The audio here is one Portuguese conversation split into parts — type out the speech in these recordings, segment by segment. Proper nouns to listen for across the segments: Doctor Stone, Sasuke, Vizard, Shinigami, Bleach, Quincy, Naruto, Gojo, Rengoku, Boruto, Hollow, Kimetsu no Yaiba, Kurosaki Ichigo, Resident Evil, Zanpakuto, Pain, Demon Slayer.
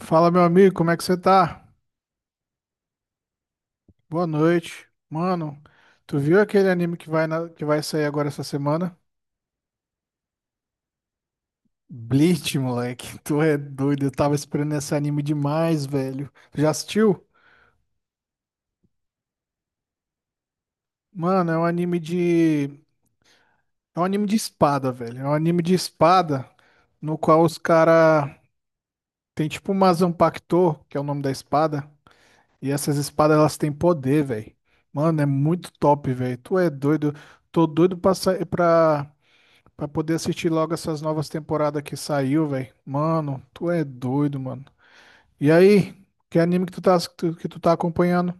Fala, meu amigo, como é que você tá? Boa noite. Mano, tu viu aquele anime que vai, que vai sair agora essa semana? Bleach, moleque. Tu é doido. Eu tava esperando esse anime demais, velho. Tu já assistiu? Mano, É um anime de espada, velho. É um anime de espada no qual os cara tem tipo uma Zanpakuto, que é o nome da espada, e essas espadas elas têm poder, velho. Mano, é muito top, velho. Tu é doido. Tô doido pra sair pra Pra poder assistir logo essas novas temporadas que saiu, velho. Mano, tu é doido, mano. E aí, que anime que tu tá acompanhando?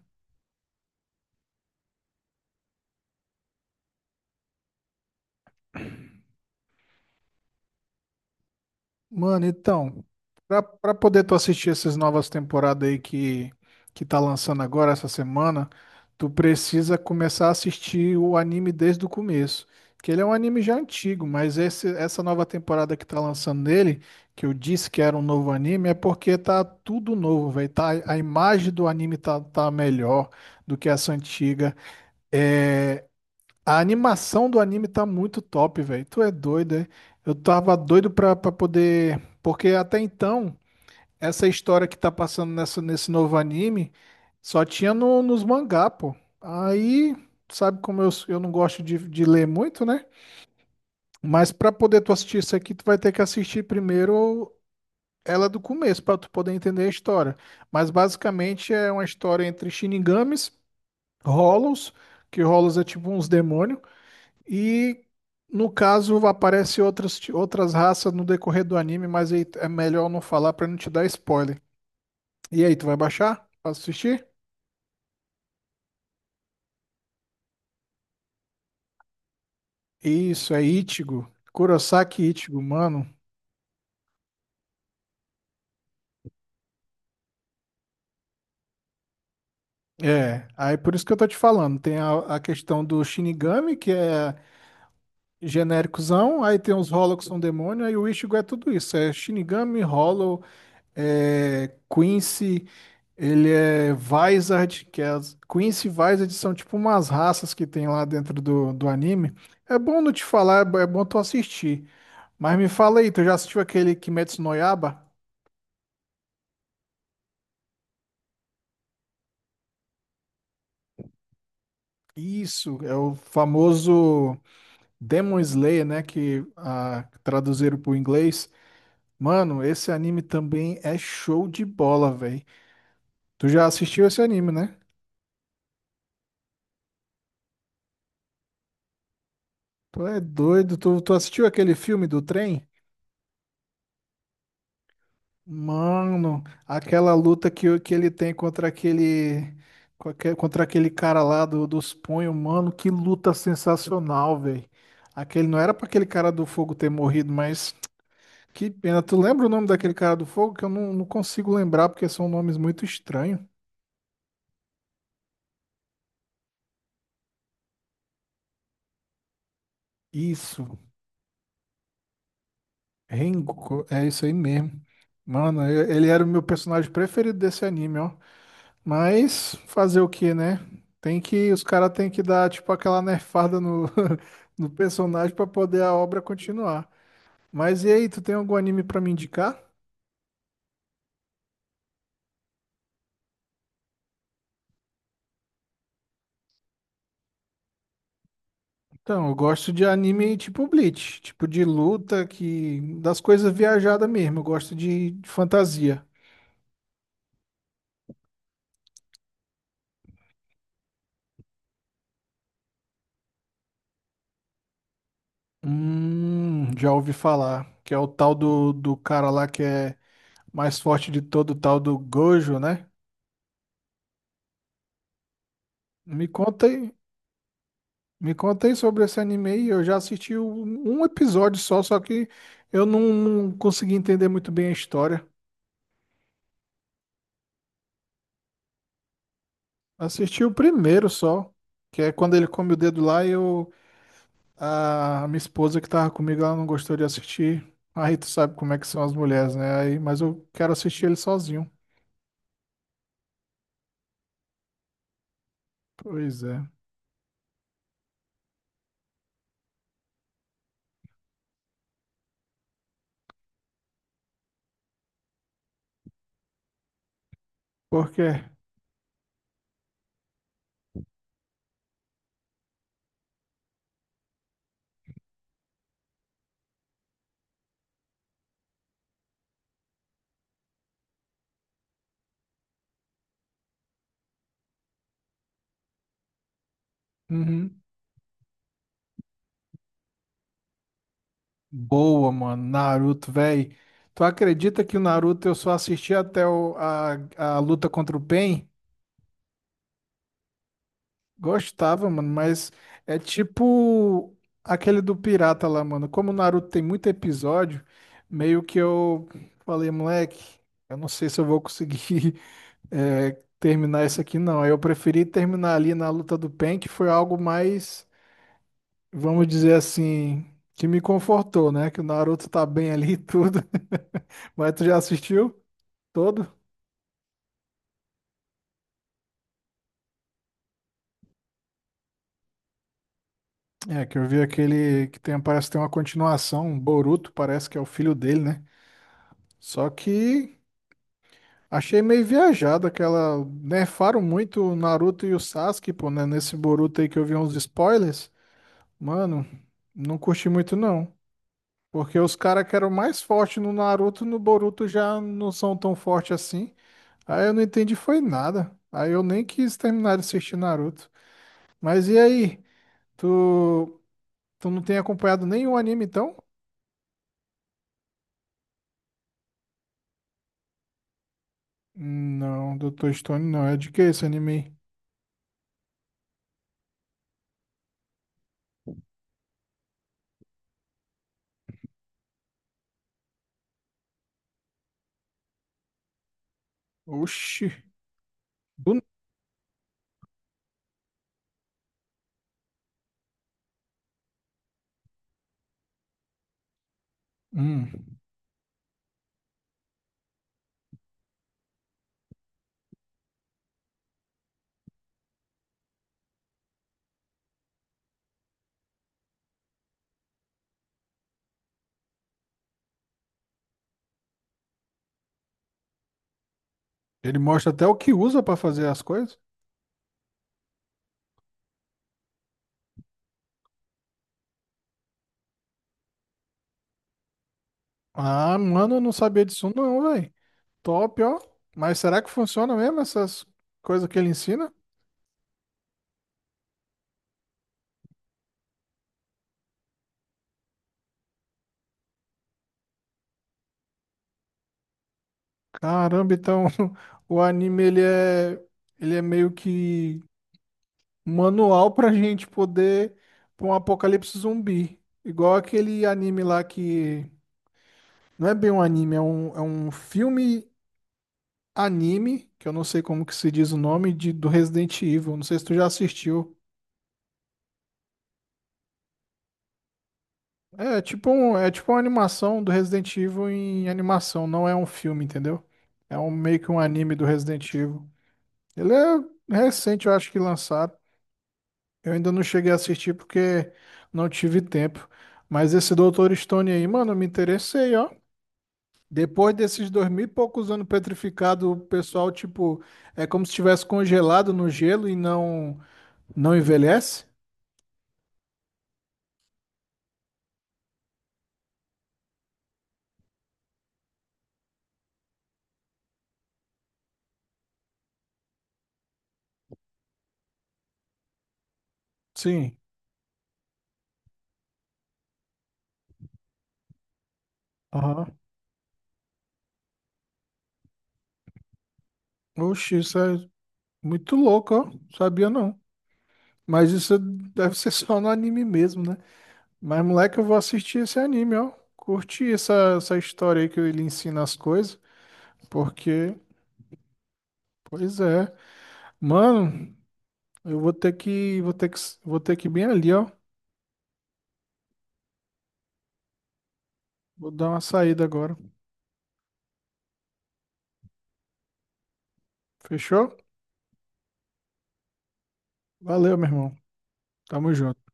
Mano, então, pra poder tu assistir essas novas temporadas aí que tá lançando agora, essa semana, tu precisa começar a assistir o anime desde o começo. Que ele é um anime já antigo, mas essa nova temporada que tá lançando nele, que eu disse que era um novo anime, é porque tá tudo novo, velho. Tá, a imagem do anime tá melhor do que essa antiga. É, a animação do anime tá muito top, velho. Tu é doido, é? Eu tava doido pra poder. Porque até então, essa história que tá passando nesse novo anime só tinha no, nos mangá, pô. Aí, sabe como eu não gosto de ler muito, né? Mas pra poder tu assistir isso aqui, tu vai ter que assistir primeiro ela do começo, pra tu poder entender a história. Mas basicamente é uma história entre Shinigamis, Hollows, que Hollows é tipo uns demônios. E no caso aparece outras raças no decorrer do anime, mas aí é melhor não falar pra não te dar spoiler. E aí, tu vai baixar pra assistir? Isso, é Ichigo. Kurosaki Ichigo, mano. É, aí por isso que eu tô te falando. Tem a questão do Shinigami, que é genéricozão, aí tem os Hollow que são demônio, aí o Ichigo é tudo isso. É Shinigami, Hollow, é, Quincy, ele é Vizard, que é as Quincy e Vizard são tipo umas raças que tem lá dentro do anime. É bom não te falar, é bom tu assistir. Mas me fala aí, tu já assistiu aquele Kimetsu no Yaiba? Isso, é o famoso Demon Slayer, né, que traduziram pro inglês. Mano, esse anime também é show de bola, velho. Tu já assistiu esse anime, né? Tu é doido, tu assistiu aquele filme do trem? Mano, aquela luta que, que ele tem contra aquele contra aquele cara lá dos punhos, mano, que luta sensacional, velho. Aquele não era pra aquele cara do fogo ter morrido, mas que pena. Tu lembra o nome daquele cara do fogo que eu não consigo lembrar porque são nomes muito estranhos. Isso, Rengoku, é isso aí mesmo. Mano, ele era o meu personagem preferido desse anime, ó. Mas fazer o que, né? Os caras têm que dar tipo aquela nerfada no, no personagem pra poder a obra continuar. Mas e aí, tu tem algum anime pra me indicar? Então, eu gosto de anime tipo Bleach, tipo de luta que das coisas viajadas mesmo. Eu gosto de fantasia. Já ouvi falar que é o tal do cara lá que é mais forte de todo, o tal do Gojo, né? Me conta aí, Me contei sobre esse anime eu já assisti um episódio só, só que eu não consegui entender muito bem a história. Assisti o primeiro só, que é quando ele come o dedo lá e a minha esposa que tava comigo, ela não gostou de assistir. Aí tu sabe como é que são as mulheres, né? Aí, mas eu quero assistir ele sozinho. Pois é. Por quê? Uhum. Boa, mano. Naruto, véi. Tu acredita que o Naruto eu só assisti até a luta contra o Pain? Gostava, mano, mas é tipo aquele do pirata lá, mano. Como o Naruto tem muito episódio, meio que eu falei, moleque, eu não sei se eu vou conseguir eh, terminar isso aqui, não. Aí eu preferi terminar ali na luta do Pen, que foi algo mais, vamos dizer assim, que me confortou, né? Que o Naruto tá bem ali e tudo. Mas tu já assistiu todo? É, que eu vi aquele que tem, parece que tem uma continuação, um Boruto, parece que é o filho dele, né? Só que achei meio viajado aquela. Nerfaram muito o Naruto e o Sasuke, pô, né? Nesse Boruto aí que eu vi uns spoilers. Mano, não curti muito não. Porque os caras que eram mais fortes no Naruto, no Boruto já não são tão fortes assim. Aí eu não entendi foi nada. Aí eu nem quis terminar de assistir Naruto. Mas e aí? Tu, tu não tem acompanhado nenhum anime então? Não, doutor Stone não. É de que esse anime aí? Oxi. Do... Hum. Ele mostra até o que usa pra fazer as coisas. Ah, mano, eu não sabia disso não, velho. Top, ó. Mas será que funciona mesmo essas coisas que ele ensina? Caramba, então o anime ele é meio que manual pra gente poder pra um apocalipse zumbi. Igual aquele anime lá que não é bem um anime, é um filme anime, que eu não sei como que se diz o nome do Resident Evil. Não sei se tu já assistiu. É tipo uma animação do Resident Evil em animação, não é um filme, entendeu? É um meio que um anime do Resident Evil. Ele é recente, eu acho que lançaram. Eu ainda não cheguei a assistir porque não tive tempo. Mas esse Dr. Stone aí, mano, eu me interessei, ó. Depois desses dois mil e poucos anos petrificado, o pessoal, tipo, é como se estivesse congelado no gelo e não envelhece? Sim. Aham. Oxi, isso é muito louco, ó. Sabia não. Mas isso deve ser só no anime mesmo, né? Mas, moleque, eu vou assistir esse anime, ó. Curti essa história aí que ele ensina as coisas, porque, pois é. Mano, eu vou ter que ir bem ali, ó. Vou dar uma saída agora. Fechou? Valeu, meu irmão. Tamo junto.